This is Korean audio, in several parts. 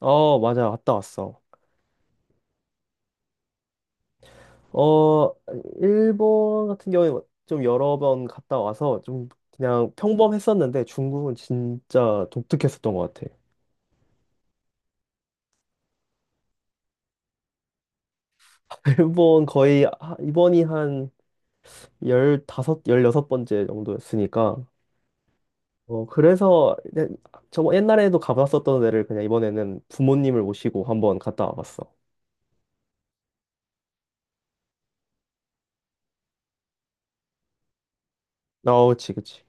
어, 맞아. 갔다 왔어. 어, 일본 같은 경우에 뭐 좀 여러 번 갔다 와서 좀 그냥 평범했었는데 중국은 진짜 독특했었던 것 같아. 일본 거의 이번이 한 15, 16번째 정도였으니까. 어, 그래서 그냥 저 옛날에도 가봤었던 데를 그냥 이번에는 부모님을 모시고 한번 갔다 와봤어. 어, 그치, 그치.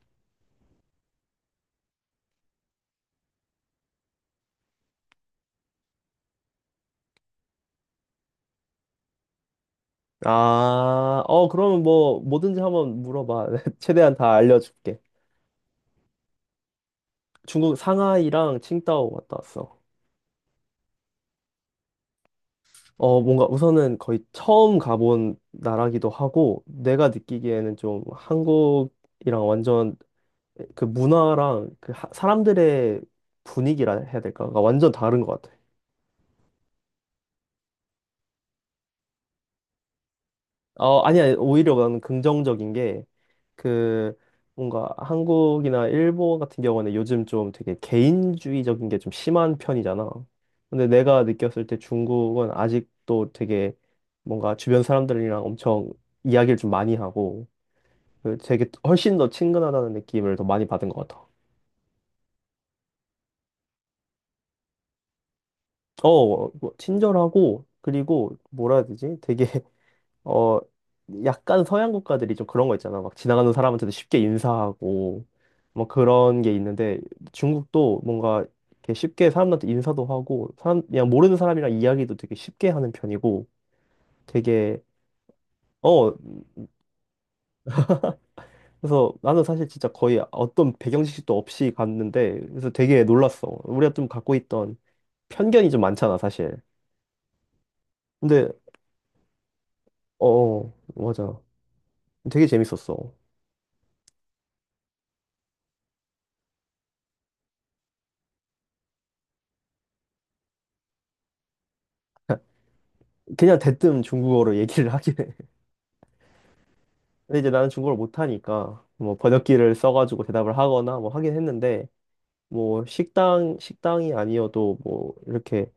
아, 어, 그러면 뭐 뭐든지 한번 물어봐. 최대한 다 알려줄게. 중국 상하이랑 칭다오 갔다 왔어. 어, 뭔가 우선은 거의 처음 가본 나라기도 하고, 내가 느끼기에는 좀 한국이랑 완전 그 문화랑 그 사람들의 분위기라 해야 될까? 그러니까 완전 다른 것 같아. 어, 아니, 아니, 오히려 나는 긍정적인 게, 그 뭔가 한국이나 일본 같은 경우는 요즘 좀 되게 개인주의적인 게 좀 심한 편이잖아. 근데 내가 느꼈을 때 중국은 아직도 되게 뭔가 주변 사람들이랑 엄청 이야기를 좀 많이 하고 그 되게 훨씬 더 친근하다는 느낌을 더 많이 받은 것 같아. 어, 뭐 친절하고, 그리고 뭐라 해야 되지? 되게 어, 약간 서양 국가들이 좀 그런 거 있잖아. 막 지나가는 사람한테도 쉽게 인사하고, 뭐 그런 게 있는데, 중국도 뭔가 이렇게 쉽게 사람한테 인사도 하고, 그냥 모르는 사람이랑 이야기도 되게 쉽게 하는 편이고, 되게, 어, 그래서 나는 사실 진짜 거의 어떤 배경 지식도 없이 갔는데, 그래서 되게 놀랐어. 우리가 좀 갖고 있던 편견이 좀 많잖아, 사실. 근데, 어, 어, 맞아. 되게 재밌었어. 그냥 대뜸 중국어로 얘기를 하긴 해. 근데 이제 나는 중국어를 못하니까 뭐 번역기를 써가지고 대답을 하거나 뭐 하긴 했는데, 뭐 식당이 아니어도 뭐 이렇게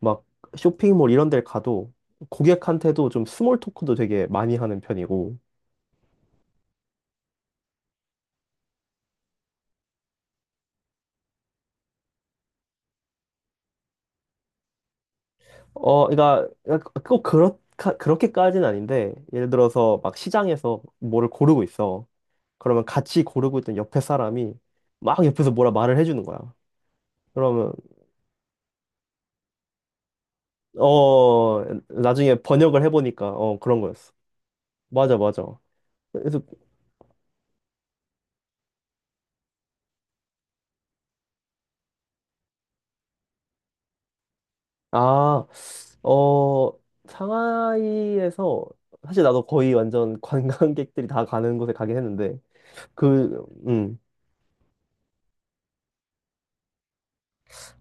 막 쇼핑몰 이런 데를 가도 고객한테도 좀 스몰 토크도 되게 많이 하는 편이고. 어, 그러니까 꼭 그렇게까지는 아닌데, 예를 들어서 막 시장에서 뭐를 고르고 있어. 그러면 같이 고르고 있던 옆에 사람이 막 옆에서 뭐라 말을 해주는 거야. 그러면 어, 나중에 번역을 해보니까 어, 그런 거였어. 맞아, 맞아. 그래서 아, 어, 상하이에서 사실 나도 거의 완전 관광객들이 다 가는 곳에 가긴 했는데, 그 음,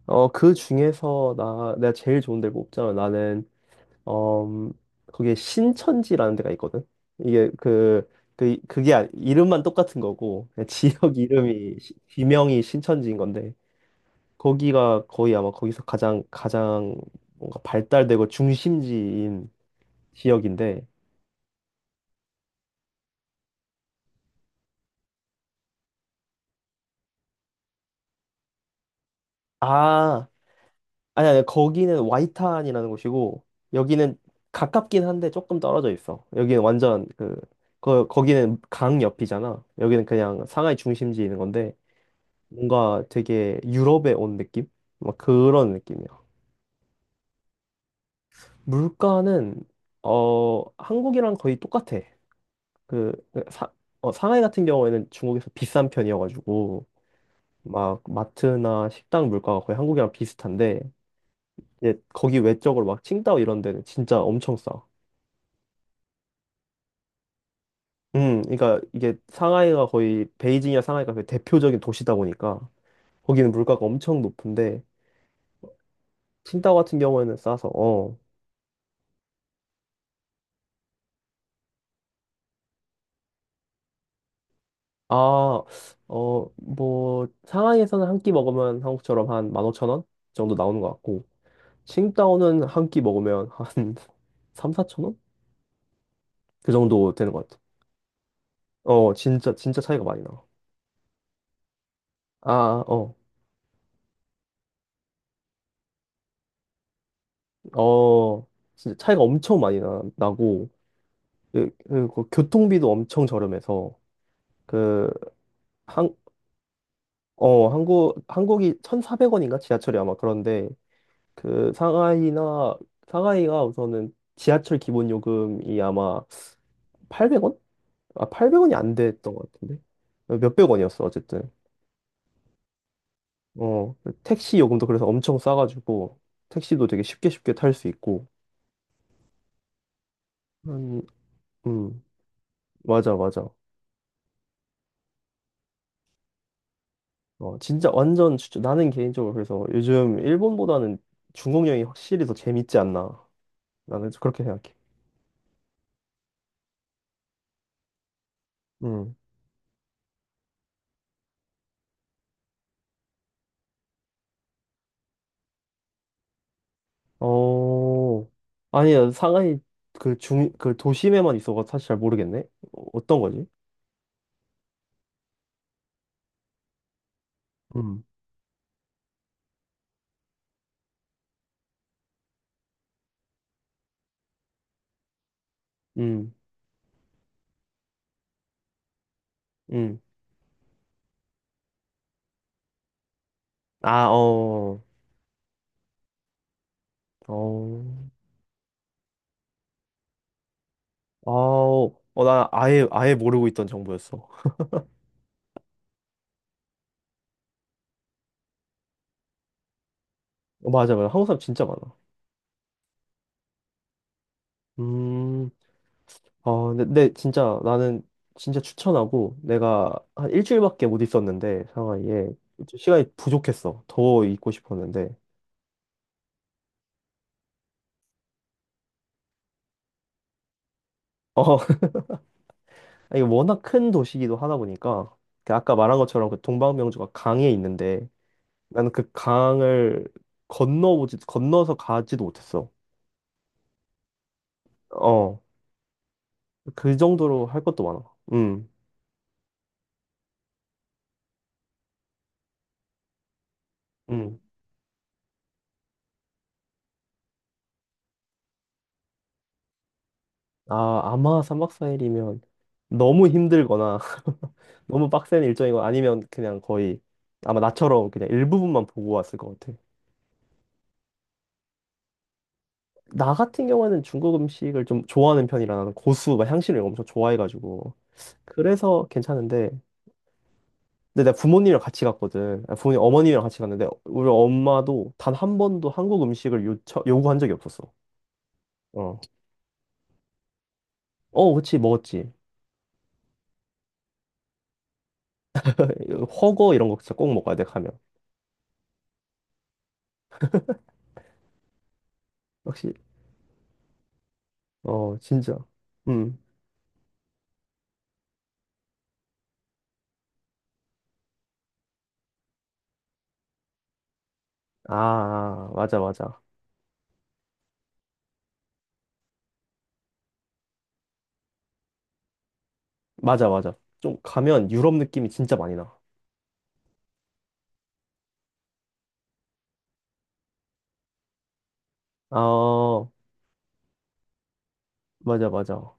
어, 그 중에서 나 내가 제일 좋은 데를 꼽자면 나는 어, 거기에 신천지라는 데가 있거든. 이게 그 그, 그게 아니- 이름만 똑같은 거고 그냥 지역 이름이 지명이 신천지인 건데. 거기가 거의 아마 거기서 가장 가장 뭔가 발달되고 중심지인 지역인데. 아, 아니, 아니, 거기는 와이탄이라는 곳이고, 여기는 가깝긴 한데 조금 떨어져 있어. 여기는 완전 그, 거기는 강 옆이잖아. 여기는 그냥 상하이 중심지에 있는 건데, 뭔가 되게 유럽에 온 느낌? 막 그런 느낌이야. 물가는, 어, 한국이랑 거의 똑같아. 그, 사, 어, 상하이 같은 경우에는 중국에서 비싼 편이어가지고, 막 마트나 식당 물가가 거의 한국이랑 비슷한데, 이제 거기 외적으로 막 칭다오 이런 데는 진짜 엄청 싸. 그러니까 이게 상하이가 거의 베이징이나 상하이가 거의 대표적인 도시다 보니까 거기는 물가가 엄청 높은데 칭다오 같은 경우에는 싸서 어. 아, 어, 뭐 상하이에서는 한 끼 먹으면 한국처럼 한 15,000원 정도 나오는 것 같고, 칭다오는 한 끼 먹으면 한 3, 4,000원? 그 정도 되는 것 같아. 어, 진짜 진짜 차이가 많이 나. 아, 어. 어. 진짜 차이가 엄청 많이 나고, 그 교통비도 엄청 저렴해서. 그 한, 어, 한국이 1,400원인가? 지하철이 아마 그런데, 그, 상하이가 우선은 지하철 기본 요금이 아마 800원? 아, 800원이 안 됐던 것 같은데? 몇백 원이었어, 어쨌든. 어, 택시 요금도 그래서 엄청 싸가지고, 택시도 되게 쉽게 쉽게 탈 수 있고, 음, 음, 맞아, 맞아. 어, 진짜 완전 추천. 나는 개인적으로 그래서 요즘 일본보다는 중국 여행이 확실히 더 재밌지 않나. 나는 그렇게 생각해. 음. 어, 아니야, 상하이 그 그 도심에만 있어가 사실 잘 모르겠네. 어, 어떤 거지? 음. 음, 음. 아, 어, 어, 아, 어, 어, 나 아예, 아예 모르고 있던 정보였어. 어, 맞아, 맞아. 한국 사람 진짜 많아. 음, 아, 근데 진짜 나는 진짜 추천하고, 내가 한 일주일밖에 못 있었는데, 상하이에. 좀 시간이 부족했어. 더 있고 싶었는데. 어, 이게 워낙 큰 도시이기도 하다 보니까 그 아까 말한 것처럼 그 동방명주가 강에 있는데, 나는 그 강을 건너보지 건너서 가지도 못했어. 어, 그 정도로 할 것도 많아. 음, 음. 아, 아마 3박 4일이면 너무 힘들거나 너무 빡센 일정이고, 아니면 그냥 거의 아마 나처럼 그냥 일부분만 보고 왔을 것 같아. 나 같은 경우에는 중국 음식을 좀 좋아하는 편이라 나는 고수, 막 향신료 이런 거 엄청 좋아해가지고 그래서 괜찮은데, 근데 내가 부모님이랑 같이 갔거든. 아, 부모님 어머님이랑 같이 갔는데 우리 엄마도 단 한 번도 한국 음식을 요구한 적이 없었어. 어, 어, 그치 먹었지. 허거 이런 거 진짜 꼭 먹어야 돼 가면. 역시 어, 진짜. 음. 아, 맞아 맞아 맞아 맞아. 좀 가면 유럽 느낌이 진짜 많이 나. 아, 맞아 맞아.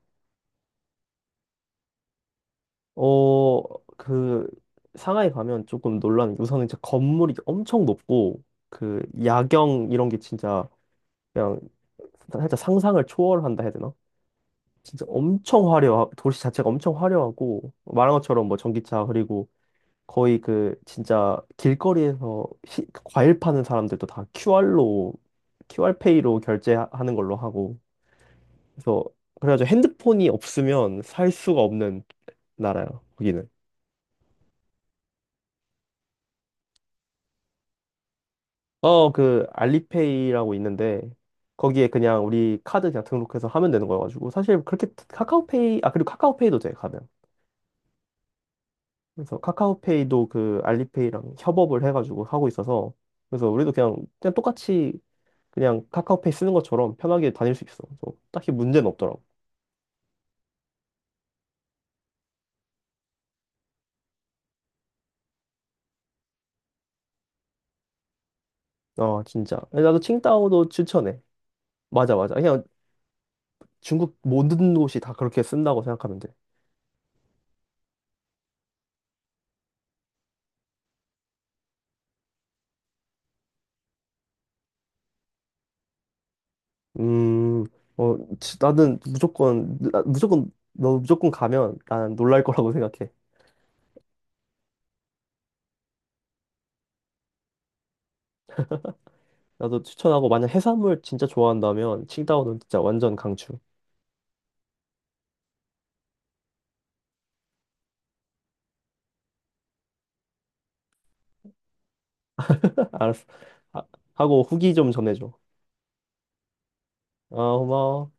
어, 그 상하이 가면 조금 놀라는 게, 우선은 진짜 건물이 엄청 높고 그 야경 이런 게 진짜 그냥 살짝 상상을 초월한다 해야 되나? 진짜 엄청 도시 자체가 엄청 화려하고, 말한 것처럼 뭐 전기차, 그리고 거의 그, 진짜 길거리에서 과일 파는 사람들도 다 QR로, QR페이로 결제하는 걸로 하고, 그래서, 그래가지고 핸드폰이 없으면 살 수가 없는 나라야, 거기는. 어, 그, 알리페이라고 있는데, 거기에 그냥 우리 카드 그냥 등록해서 하면 되는 거여가지고, 사실 그렇게 그리고 카카오페이도 돼, 가면. 그래서 카카오페이도 그 알리페이랑 협업을 해가지고 하고 있어서 그래서 우리도 그냥 똑같이 그냥 카카오페이 쓰는 것처럼 편하게 다닐 수 있어. 그래서 딱히 문제는 없더라고. 어, 진짜. 나도 칭다오도 추천해. 맞아 맞아. 그냥 중국 모든 곳이 다 그렇게 쓴다고 생각하면 돼. 음, 어 나는 무조건 무조건 너 무조건 가면 난 놀랄 거라고 생각해. 나도 추천하고 만약 해산물 진짜 좋아한다면 칭다오는 진짜 완전 강추. 알았어. 아, 하고 후기 좀 전해줘. 어, 고마워.